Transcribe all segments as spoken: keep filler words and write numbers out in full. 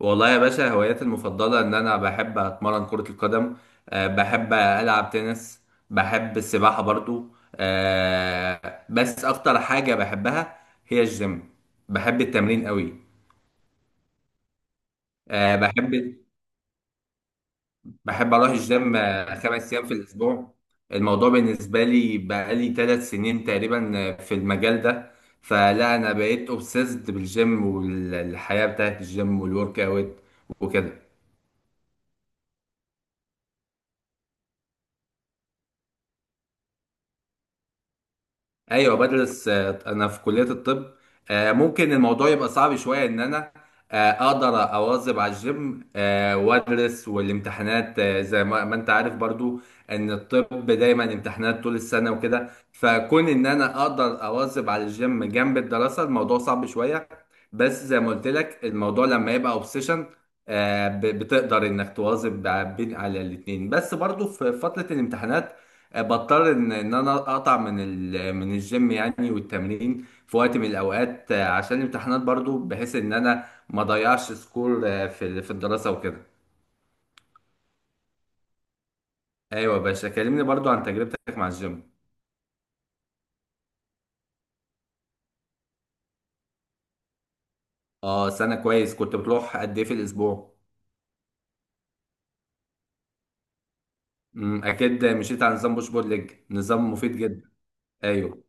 والله يا باشا هواياتي المفضلة إن أنا بحب أتمرن كرة القدم. أه بحب ألعب تنس. بحب السباحة برضو. أه بس أكتر حاجة بحبها هي الجيم. بحب التمرين قوي. أه بحب بحب أروح الجيم آه، خمس أيام في الأسبوع. الموضوع بالنسبة لي بقالي ثلاث سنين تقريبا آه، في المجال ده. فلا أنا بقيت أوبسيسد بالجيم والحياة بتاعت الجيم والورك أوت وكده. ايوه بدرس. آه، انا في كليه الطب. آه، ممكن الموضوع يبقى صعب شويه ان انا آه، اقدر اواظب على الجيم آه، وادرس والامتحانات آه، زي ما ما انت عارف برضو ان الطب دايما امتحانات طول السنه وكده. فكون ان انا اقدر اواظب على الجيم جنب الدراسه الموضوع صعب شويه. بس زي ما قلت لك الموضوع لما يبقى اوبسيشن بتقدر انك تواظب ب- بين على الاتنين. بس برضو في فتره الامتحانات آه، بضطر ان ان انا اقطع من ال... من الجيم يعني والتمرين في وقت من الاوقات آه، عشان الامتحانات برضو بحيث ان انا ما اضيعش سكور آه، في ال- في الدراسة وكده. ايوه يا باشا كلمني برضو عن تجربتك مع الجيم. اه سنة كويس. كنت بتروح قد ايه في الاسبوع؟ امم، اكيد مشيت على نظام بوش بول ليج، نظام مفيد جدا. ايوه.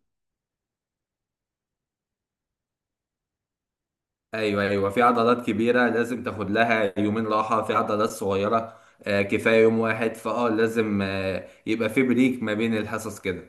ايوه. ايوه، في عضلات كبيرة لازم تاخد لها يومين راحة، في عضلات صغيرة آه، كفاية يوم واحد. فاه لازم آه، يبقى في بريك ما بين الحصص كده.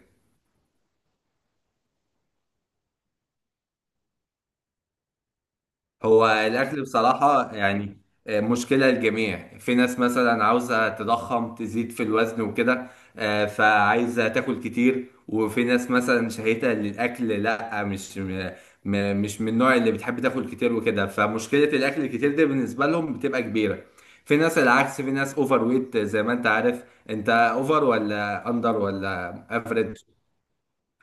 هو الأكل بصراحة يعني آه، مشكلة للجميع. في ناس مثلا عاوزة تضخم تزيد في الوزن وكده آه، فعايزة تاكل كتير، وفي ناس مثلا شهيتة للأكل لا. مش م- م- مش من النوع اللي بتحب تاكل كتير وكده، فمشكلة الأكل الكتير دي بالنسبة لهم بتبقى كبيرة. في ناس العكس، في ناس أوفر ويت زي ما أنت عارف. أنت أوفر ولا أندر ولا أفريج؟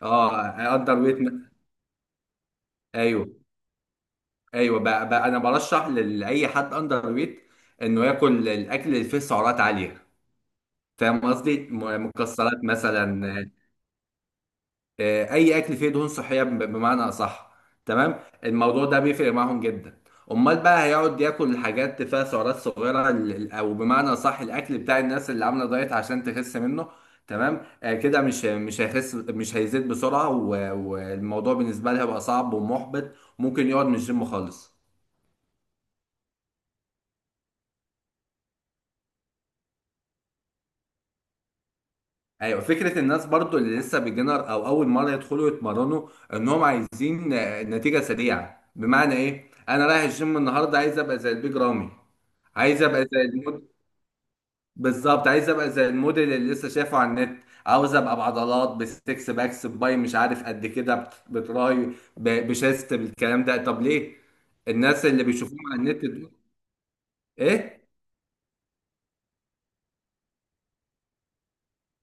اه، أندر ويت. أيوه. ايوه بقى, بقى انا برشح لاي حد اندر ويت انه ياكل الاكل اللي فيه سعرات عاليه. فاهم قصدي؟ م- مكسرات مثلا، آه، اي اكل فيه دهون صحيه ب- بمعنى اصح. تمام، الموضوع ده بيفرق معاهم جدا. امال بقى هيقعد ياكل حاجات فيها سعرات صغيره ال- ال- او بمعنى اصح الاكل بتاع الناس اللي عامله دايت عشان تخس منه. تمام، آه، كده مش مش هيخس، مش هيزيد بسرعه. و- والموضوع بالنسبه لها بقى صعب ومحبط، ممكن يقعد من الجيم خالص. ايوه، فكره الناس برضو اللي لسه بيجنر او اول مره يدخلوا يتمرنوا انهم عايزين آه، نتيجه سريعه. بمعنى ايه؟ انا رايح الجيم النهارده عايز ابقى زي البيج رامي. عايز ابقى زي المود، بالظبط، عايز ابقى زي الموديل اللي لسه شايفه على النت، عاوز ابقى بعضلات بستكس باكس باي مش عارف قد كده بت- بتراي ب- بشيست بالكلام ده. طب ليه؟ الناس اللي بيشوفوهم على النت دول ايه؟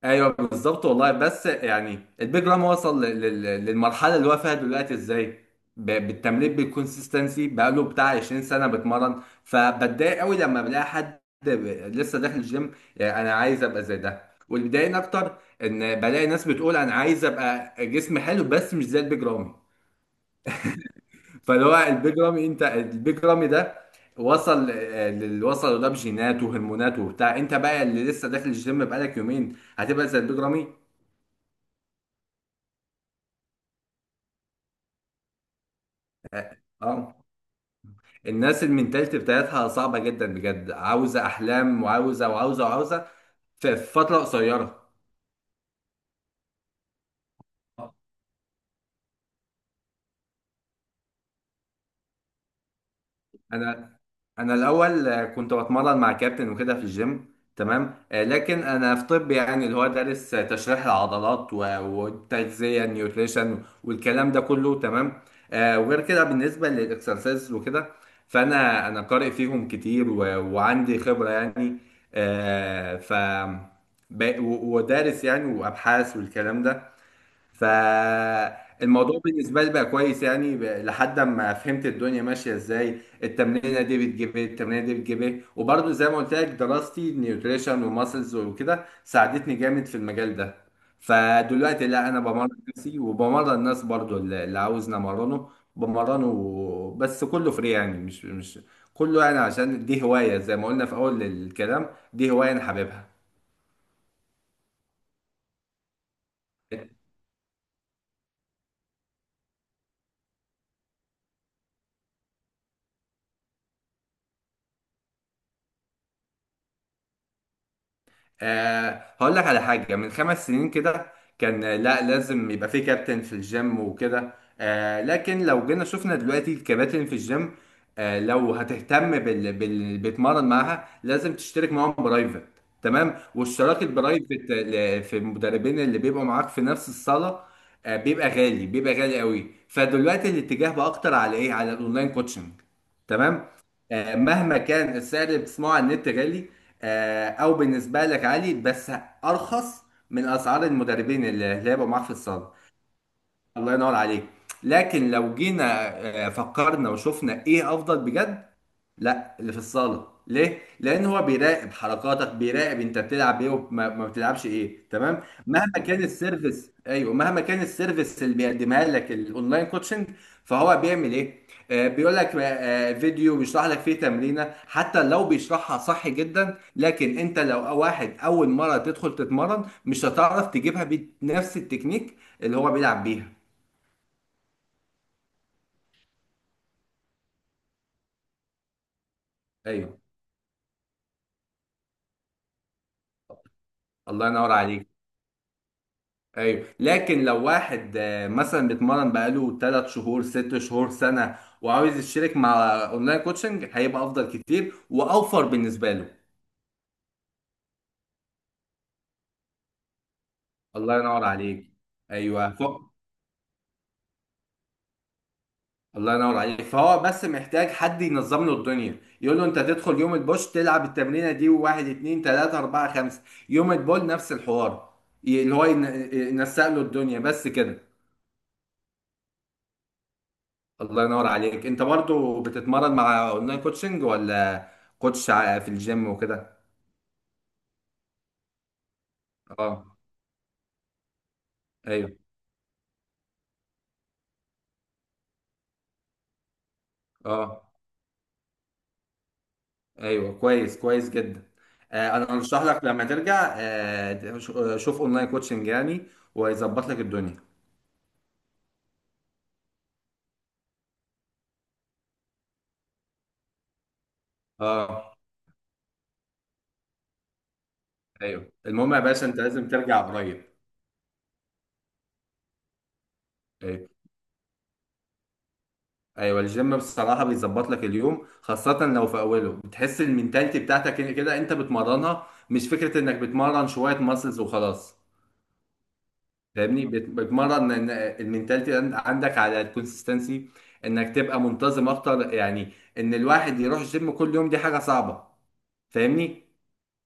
ايوه بالظبط. والله بس يعني البيج رام وصل لل- لل- للمرحله اللي هو فيها دلوقتي ازاي؟ ب- بالتمرين بالكونسيستنسي، بقاله بتاع عشرين سنة سنه بتمرن. فبتضايق قوي لما بلاقي حد ب- لسه داخل الجيم يعني انا عايز ابقى زي ده. واللي بيضايقني اكتر ان بلاقي ناس بتقول انا عايز ابقى جسم حلو بس مش زي البيج رامي. فاللي هو البيج رامي، انت البيج رامي ده وصل آه، للي وصل ده بجينات وهرمونات وبتاع. انت بقى اللي لسه داخل الجيم بقالك يومين هتبقى زي البيج رامي؟ اه. آه. الناس المنتاليتي بتاعتها صعبة جدا بجد، عاوزة أحلام وعاوزة وعاوزة وعاوزة في في فترة قصيرة. انا انا الاول آه، كنت بتمرن مع كابتن وكده في الجيم تمام. آه، لكن انا في طب يعني اللي هو دارس آه، تشريح العضلات و- والتغذيه، النيوتريشن والكلام ده كله تمام. آه، وغير كده بالنسبه للاكسرسايز وكده، فانا انا قارئ فيهم كتير و- وعندي خبره يعني. آه، ف ب- و- ودارس يعني وابحاث والكلام ده. فالموضوع بالنسبة لي بقى كويس يعني ب- لحد ما فهمت الدنيا ماشية ازاي، التمرينة دي بتجيب ايه، التمرينة دي بتجيب ايه. وبرضه زي ما قلت لك دراستي نيوتريشن وماسلز وكده ساعدتني جامد في المجال ده. فدلوقتي لا، انا بمرن نفسي وبمرن الناس برضه اللي اللي عاوزني امرنه بمرنه، بس كله فري يعني. مش مش كله يعني عشان دي هواية زي ما قلنا في اول الكلام، دي هواية انا حاببها. أه هقول لك على حاجة. من خمس سنين كده كان آه، لا لازم يبقى في كابتن في الجيم وكده. أه لكن لو جينا شفنا دلوقتي الكباتن في الجيم، أه لو هتهتم بال... بال... بتمرن معاها لازم تشترك معاهم برايفت. تمام، واشتراك البرايفت ل- في المدربين اللي بيبقوا معاك في نفس الصالة أه بيبقى غالي، بيبقى غالي قوي. فدلوقتي الاتجاه بقى اكتر على ايه؟ على الاونلاين كوتشنج. تمام. آه، مهما كان السعر اللي بتسمعه على النت غالي آه، او بالنسبه لك عالي، بس ارخص من اسعار المدربين اللي اللي هيبقوا معاك في الصاله. الله ينور عليك. لكن لو جينا آه، فكرنا وشفنا ايه افضل بجد؟ لا، اللي في الصاله. ليه؟ لان هو بيراقب حركاتك، بيراقب انت بتلعب ايه وما ما بتلعبش ايه. تمام، مهما كان السيرفيس. ايوه، مهما كان السيرفيس اللي بيقدمها لك الاونلاين كوتشنج، فهو بيعمل ايه؟ آه بيقول لك آه آه، فيديو بيشرح لك فيه تمرينه. حتى لو بيشرحها صح جدا، لكن انت لو واحد اول مره تدخل تتمرن مش هتعرف تجيبها بنفس التكنيك اللي هو بيلعب بيها. ايوه. الله ينور عليك. ايوه، لكن لو واحد آه، مثلا بيتمرن بقاله 3 شهور، 6 شهور، سنه، وعاوز يشترك مع اونلاين كوتشنج هيبقى افضل كتير واوفر بالنسبه له. الله ينور عليك. ايوه ف... الله ينور عليك. فهو بس محتاج حد ينظم له الدنيا، يقول له انت تدخل يوم البوش تلعب التمرينه دي، وواحد اتنين تلاته اربعه خمسه. يوم البول نفس الحوار. ي- اللي هو ينسق له الدنيا بس كده. الله ينور عليك. انت برضو بتتمرن مع اونلاين كوتشنج ولا كوتش ع- في الجيم وكده؟ اه. ايوه. اه. ايوه كويس، كويس جدا. آه انا ارشح لك لما ترجع آه ش- آه، شوف اونلاين كوتشنج يعني ويظبط لك الدنيا. اه. ايوه، المهم يا باشا انت لازم ترجع قريب. ايوه. ايوه، الجيم بصراحه بيظبط لك اليوم، خاصه لو في اوله بتحس المينتاليتي بتاعتك كده انت بتمرنها، مش فكره انك بتمرن شويه ماسلز وخلاص. فاهمني؟ بت- بتمرن إن- المينتاليتي عند- عندك على الكونسستنسي، انك تبقى منتظم اكتر يعني. ان الواحد يروح الجيم كل يوم دي حاجه صعبه، فاهمني؟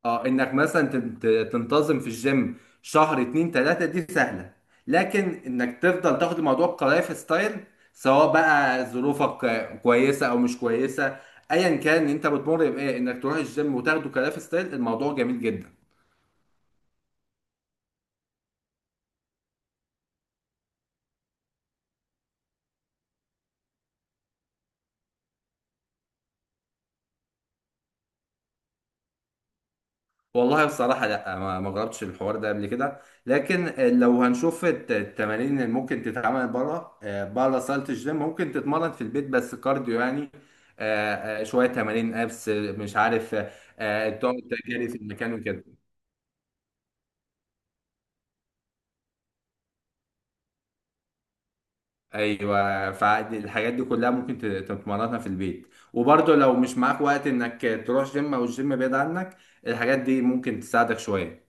اه، انك مثلا تن- ت- تنتظم في الجيم شهر، اتنين، تلاته، دي سهله. لكن انك تفضل تاخد الموضوع كلايف ستايل، سواء بقى ظروفك آه، كويسه او مش كويسه. ايا كان انت بتمر بايه، انك تروح الجيم وتاخده كلايف ستايل الموضوع جميل جدا. والله بصراحة لا، ما ما جربتش الحوار ده قبل كده. لكن لو هنشوف الت- التمارين اللي ممكن تتعمل بره، بره صالة الجيم، ممكن تتمرن في البيت بس كارديو يعني آه، آه، شوية تمارين ابس، مش عارف آه، آه، تقعد تجري في المكان وكده. ايوه، فالحاجات دي كلها ممكن ت- تتمرنها في البيت. وبرضه لو مش معاك وقت انك تروح جيم او الجيم بعيد عنك، الحاجات دي ممكن تساعدك شوية.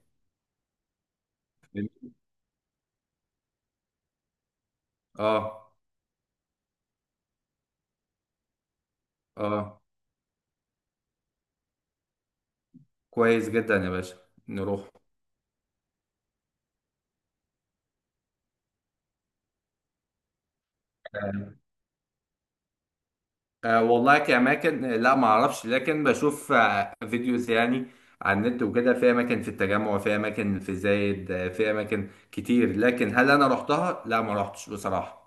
اه. اه، كويس جدا يا باشا. نروح. أه والله كأماكن لا ما أعرفش، لكن بشوف آه، فيديوز يعني على النت وكده، في أماكن في التجمع، في أماكن في زايد، آه، في أماكن كتير، لكن هل أنا رحتها؟ لا ما رحتش بصراحة.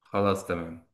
خلاص تمام.